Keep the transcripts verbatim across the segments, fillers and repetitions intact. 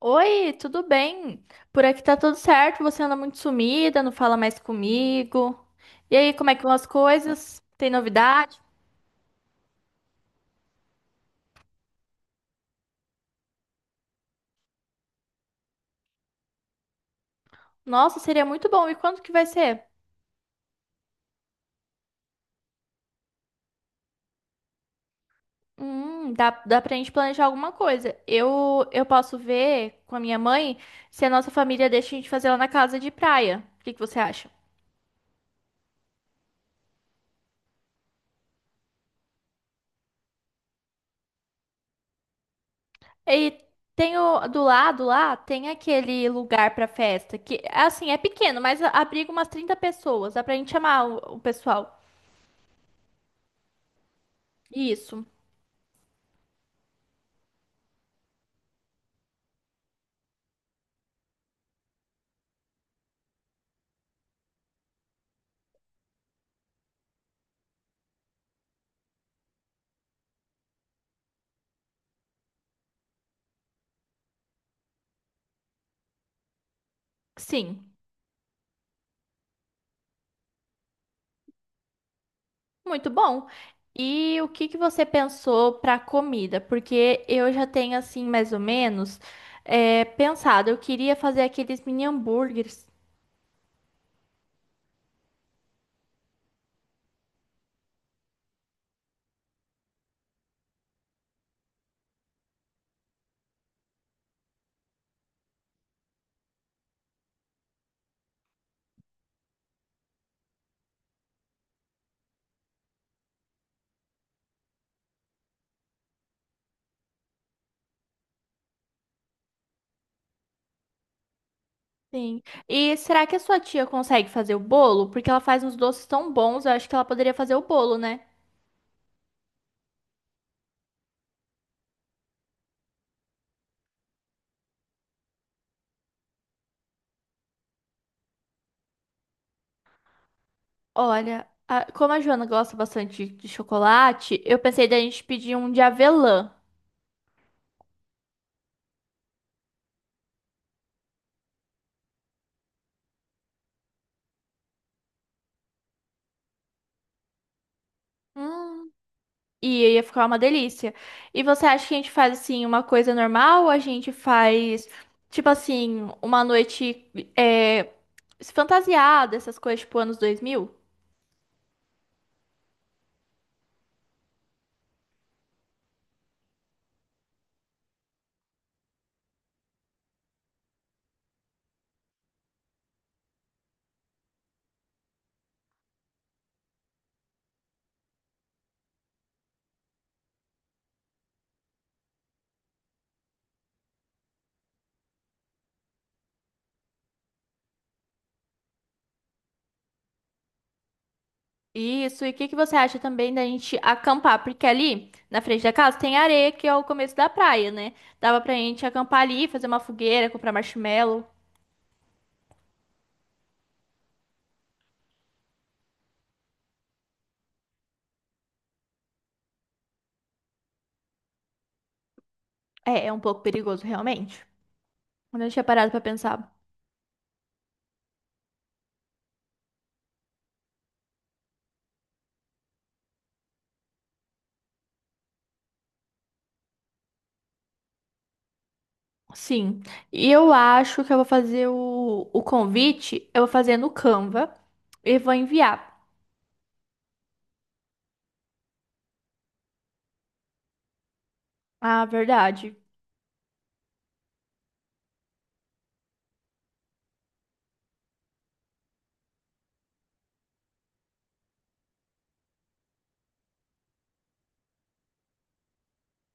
Oi, tudo bem? Por aqui tá tudo certo, você anda muito sumida, não fala mais comigo. E aí, como é que vão as coisas? Tem novidade? Nossa, seria muito bom. E quando que vai ser? Hum, dá, dá pra gente planejar alguma coisa. Eu, eu posso ver com a minha mãe se a nossa família deixa a gente fazer lá na casa de praia. O que que você acha? E tem o, do lado lá, tem aquele lugar pra festa, que assim, é pequeno, mas abriga umas trinta pessoas. Dá pra gente chamar o o pessoal. Isso. Sim, muito bom. E o que que você pensou para comida? Porque eu já tenho assim mais ou menos é, pensado. Eu queria fazer aqueles mini hambúrgueres. Sim. E será que a sua tia consegue fazer o bolo? Porque ela faz uns doces tão bons. Eu acho que ela poderia fazer o bolo, né? Olha, a- como a Joana gosta bastante de de chocolate, eu pensei da gente pedir um de avelã. E ia ficar uma delícia. E você acha que a gente faz assim uma coisa normal? Ou a gente faz tipo assim uma noite é, fantasiada, essas coisas tipo anos dois mil? Isso. E o que que você acha também da gente acampar? Porque ali na frente da casa tem areia que é o começo da praia, né? Dava pra gente acampar ali, fazer uma fogueira, comprar marshmallow. É, é um pouco perigoso realmente. Eu não tinha parado pra pensar. Sim. E eu acho que eu vou fazer o, o convite, eu vou fazer no Canva e vou enviar. Ah, verdade.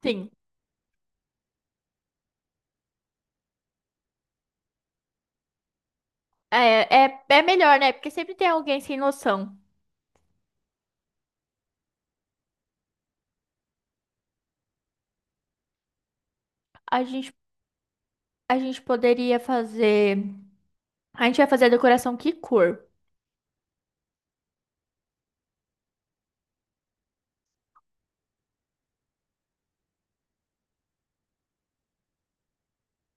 Sim. É, é, é melhor, né? Porque sempre tem alguém sem noção. A gente, a gente poderia fazer. A gente vai fazer a decoração que cor?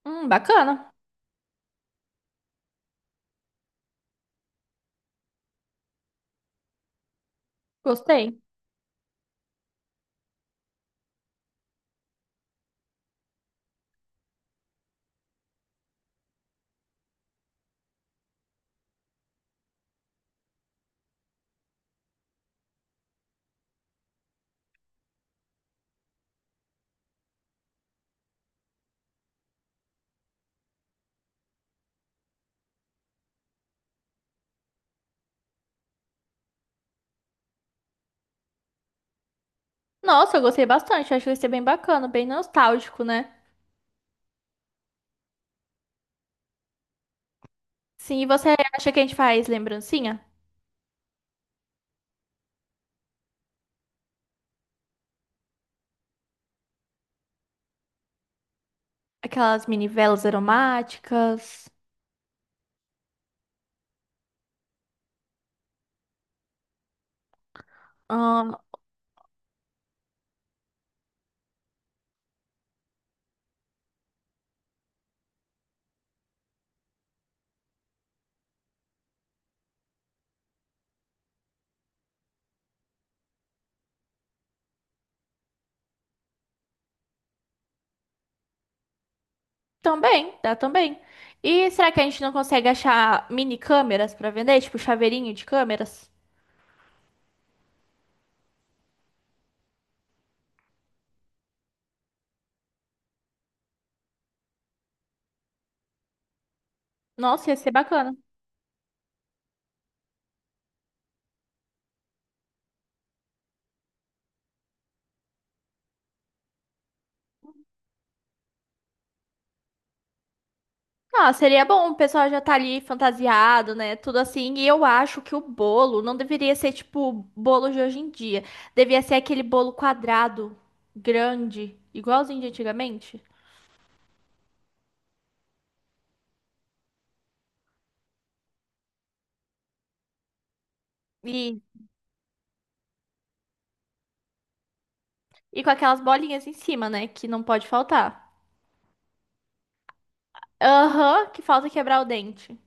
Hum, bacana. Gostei. Nossa, eu gostei bastante. Acho que vai ser bem bacana, bem nostálgico, né? Sim, e você acha que a gente faz lembrancinha? Aquelas mini velas aromáticas. Também, dá também. E será que a gente não consegue achar mini câmeras pra vender? Tipo, chaveirinho de câmeras? Nossa, ia ser bacana. Ah, seria bom, o pessoal já tá ali fantasiado, né? Tudo assim. E eu acho que o bolo não deveria ser tipo o bolo de hoje em dia. Devia ser aquele bolo quadrado, grande, igualzinho de antigamente. E, e com aquelas bolinhas em cima, né? Que não pode faltar. Aham, que falta quebrar o dente.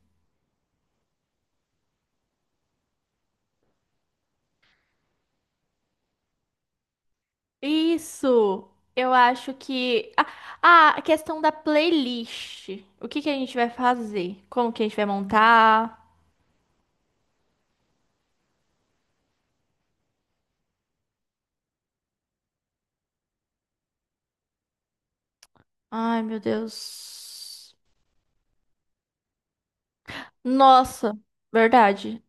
Isso! Eu acho que. Ah, ah, A questão da playlist. O que que a gente vai fazer? Como que a gente vai montar? Ai, meu Deus. Nossa, verdade.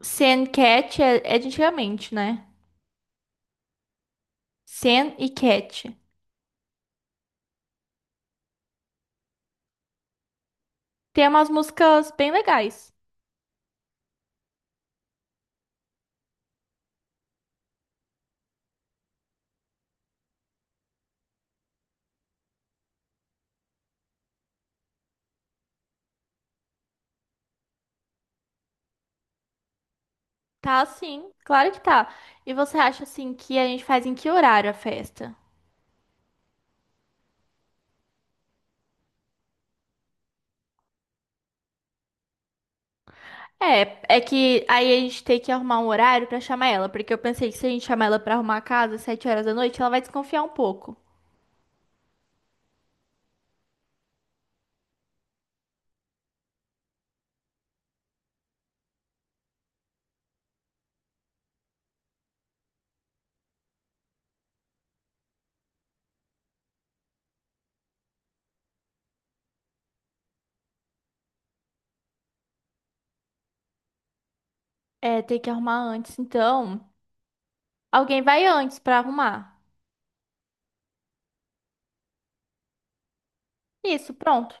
Sen Cat é, é de antigamente, né? Sen e Cat. Tem umas músicas bem legais. Tá, sim, claro que tá. E você acha assim que a gente faz em que horário a festa? É, é que aí a gente tem que arrumar um horário pra chamar ela, porque eu pensei que se a gente chamar ela pra arrumar a casa às sete horas da noite, ela vai desconfiar um pouco. É, tem que arrumar antes, então. Alguém vai antes pra arrumar. Isso, pronto.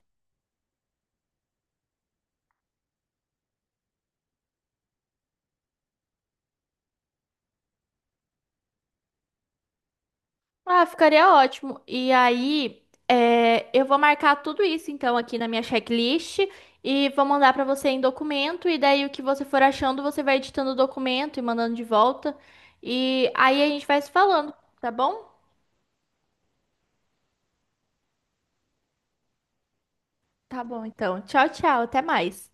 Ah, ficaria ótimo. E aí, é, eu vou marcar tudo isso então aqui na minha checklist e vou mandar pra você em documento. E daí o que você for achando, você vai editando o documento e mandando de volta. E aí a gente vai se falando, tá bom? Tá bom, então. Tchau, tchau. Até mais.